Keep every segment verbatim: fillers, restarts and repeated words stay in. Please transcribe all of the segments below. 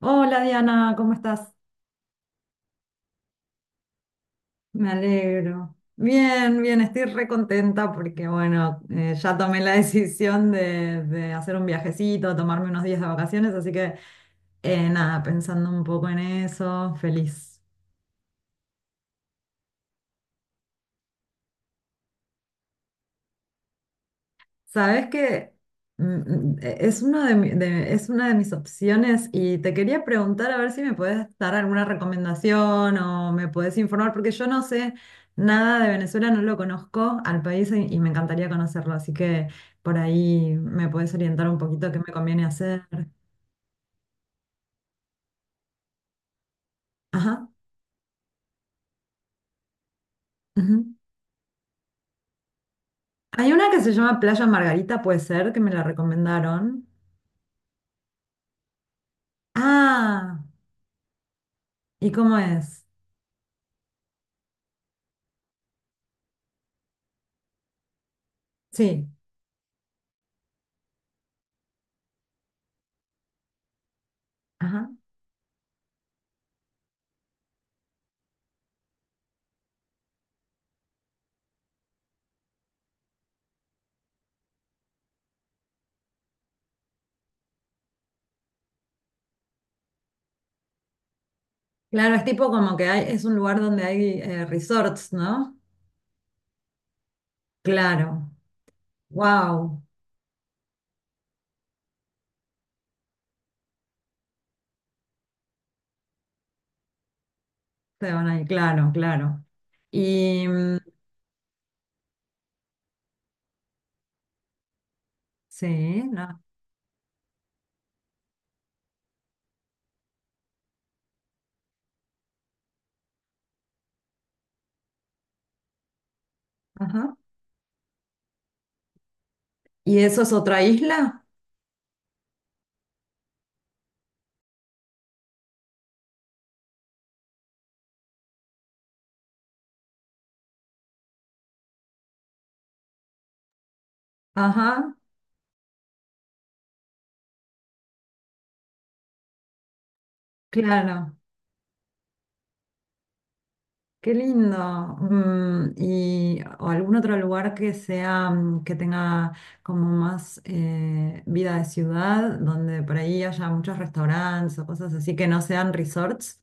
Hola Diana, ¿cómo estás? Me alegro. Bien, bien, estoy re contenta porque bueno, eh, ya tomé la decisión de, de hacer un viajecito, tomarme unos días de vacaciones, así que eh, nada, pensando un poco en eso, feliz. Sabes que mm, eh, es una de mi- de- es una de mis opciones y te quería preguntar a ver si me puedes dar alguna recomendación o me puedes informar, porque yo no sé nada de Venezuela, no lo conozco al país y, y me encantaría conocerlo, así que por ahí me puedes orientar un poquito qué me conviene hacer. Ajá. Ujú. Hay una que se llama Playa Margarita, puede ser, que me la recomendaron. Ah, ¿y cómo es? Sí. Claro, es tipo como que hay, es un lugar donde hay eh, resorts, ¿no? Claro, wow, se van ahí, claro, claro. Y mm, sí, no, ajá. ¿Y eso es otra isla? Ajá, claro, qué lindo. Mm, y o algún otro lugar que sea, mm, que tenga como más eh, vida de ciudad, donde por ahí haya muchos restaurantes o cosas así que no sean resorts.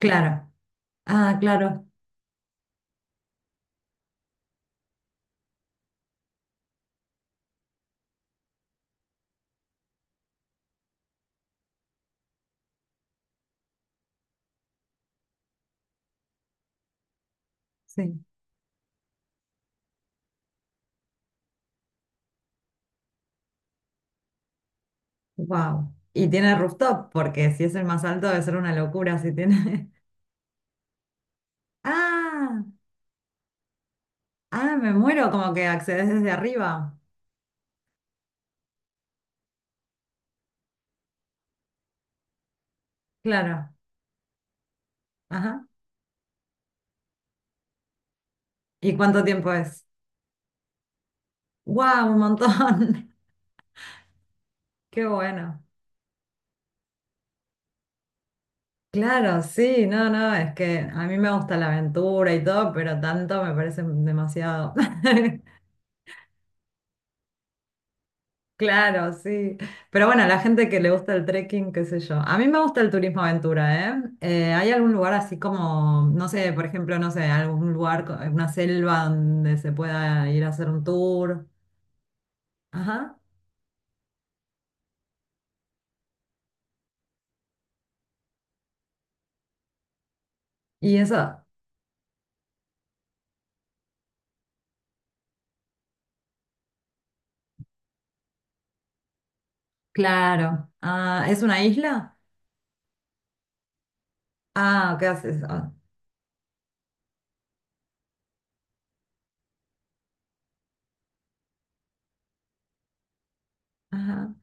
Claro, ah, claro, sí. Wow. Y tiene rooftop, porque si es el más alto debe ser una locura si tiene. Ah, ah, me muero, como que accedes desde arriba. Claro. Ajá. ¿Y cuánto tiempo es? Wow, un montón. Qué bueno. Claro, sí, no, no, es que a mí me gusta la aventura y todo, pero tanto me parece demasiado. Claro, sí. Pero bueno, la gente que le gusta el trekking, qué sé yo. A mí me gusta el turismo aventura, ¿eh? Eh, ¿hay algún lugar así como, no sé, por ejemplo, no sé, algún lugar, co- una selva donde se pueda ir a hacer un tour? Ajá. ¿Y eso? Claro. Ah, ¿es una isla? Ah, ¿qué haces? Ah, ajá.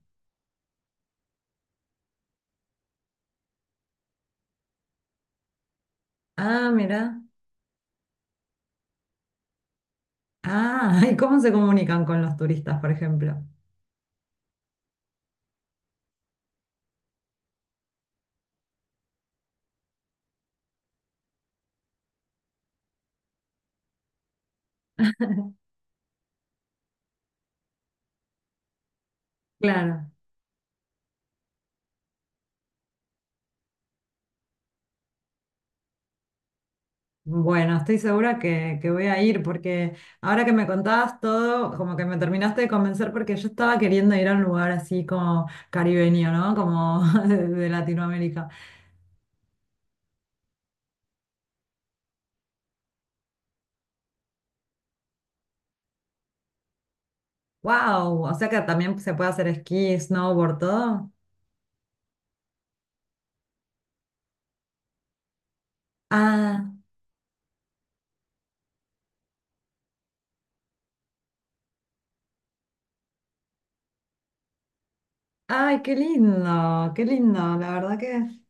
Ah, mira. Ah, ¿y cómo se comunican con los turistas, por ejemplo? Claro. Bueno, estoy segura que, que voy a ir porque ahora que me contabas todo, como que me terminaste de convencer porque yo estaba queriendo ir a un lugar así como caribeño, ¿no? Como de, de Latinoamérica. ¡Wow! O sea que también se puede hacer esquí, snowboard, todo. Ah, ay, qué lindo, qué lindo, la verdad que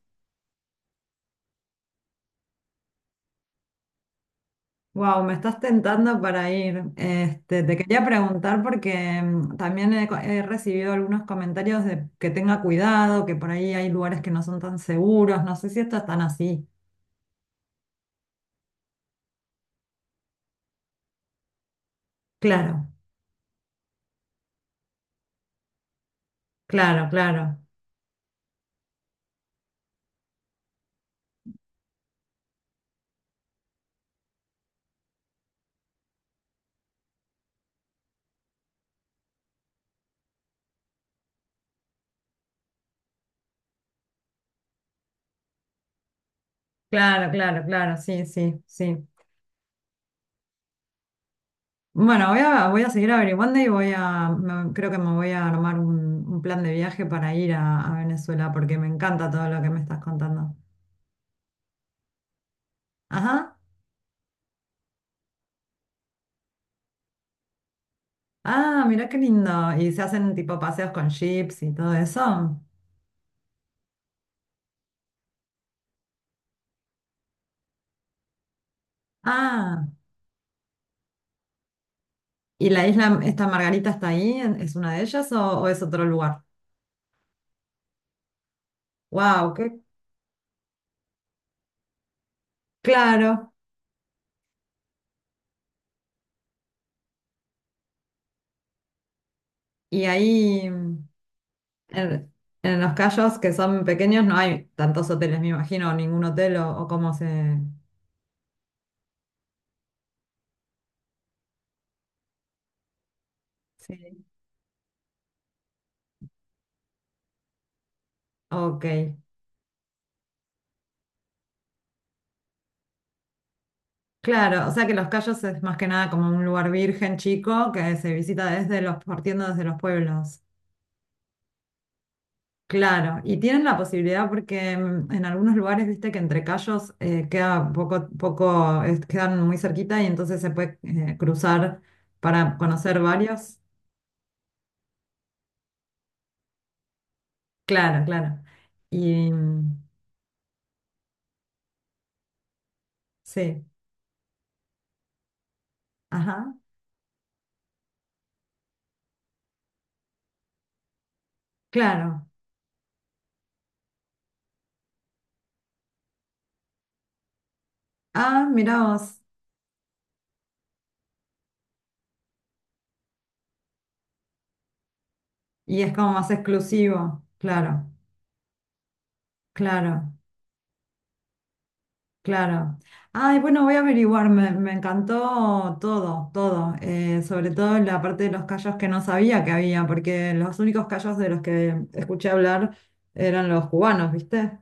wow, me estás tentando para ir. Este, te quería preguntar porque mm, también he, co- he recibido algunos comentarios de que tenga cuidado, que por ahí hay lugares que no son tan seguros. No sé si esto es tan así. Claro, claro, claro, claro, claro, claro, sí, sí, sí. Bueno, voy a, voy a seguir averiguando y voy a, me- creo que me voy a armar un, un plan de viaje para ir a, a Venezuela porque me encanta todo lo que me estás contando. Ajá. Ah, mirá qué lindo. ¿Y se hacen tipo paseos con jeeps y todo eso? Ah, ¿y la isla, esta Margarita está ahí? ¿En- ¿Es una de ellas o, o es otro lugar? Wow, qué claro. Y ahí mm, en, en los cayos que son pequeños no hay tantos hoteles, me imagino, ningún hotel o, o cómo se... Sí. Ok, claro, o sea que los cayos es más que nada como un lugar virgen chico que se visita desde los, partiendo desde los pueblos. Claro, y tienen la posibilidad porque mm, en algunos lugares, viste que entre callos eh, queda poco, poco, es- quedan muy cerquita y entonces se puede eh, cruzar para conocer varios. Claro, claro. Y mm, sí, ajá, claro. Ah, mirá vos. Y es como más exclusivo, claro, claro. Claro. Ay, bueno, voy a averiguar, me, me encantó todo, todo, eh, sobre todo la parte de los callos que no sabía que había, porque los únicos callos de los que escuché hablar eran los cubanos, ¿viste?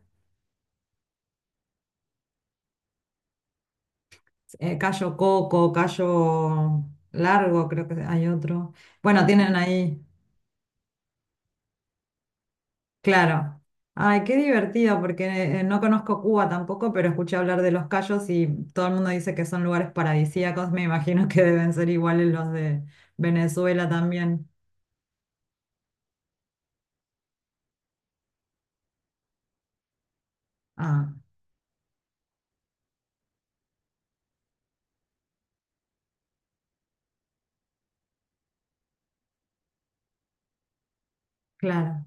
Eh, callo coco, callo largo, creo que hay otro. Bueno, tienen ahí, claro. Ay, qué divertido, porque eh, no conozco Cuba tampoco, pero escuché hablar de los callos y todo el mundo dice que son lugares paradisíacos, me imagino que deben ser iguales los de Venezuela también. Ah, claro.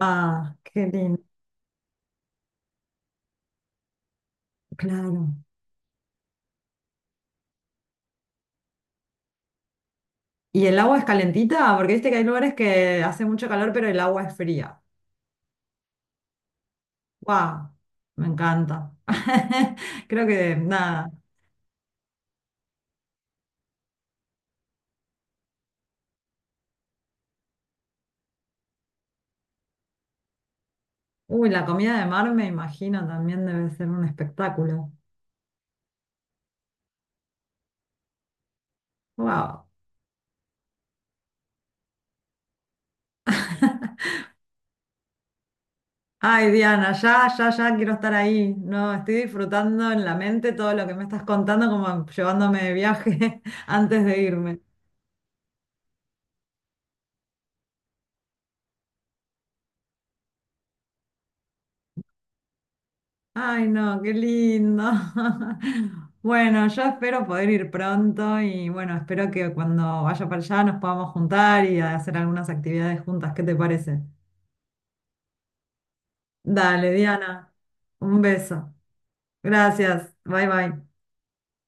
Ah, qué lindo. Claro. ¿Y el agua es calentita? Porque viste que hay lugares que hace mucho calor, pero el agua es fría. ¡Wow! Me encanta. Creo que nada. Uy, la comida de mar me imagino también debe ser un espectáculo. ¡Wow! Ay, Diana, ya, ya, ya quiero estar ahí. No, estoy disfrutando en la mente todo lo que me estás contando, como llevándome de viaje antes de irme. Ay, no, qué lindo. Bueno, yo espero poder ir pronto y bueno, espero que cuando vaya para allá nos podamos juntar y hacer algunas actividades juntas. ¿Qué te parece? Dale, Diana, un beso. Gracias. Bye, bye.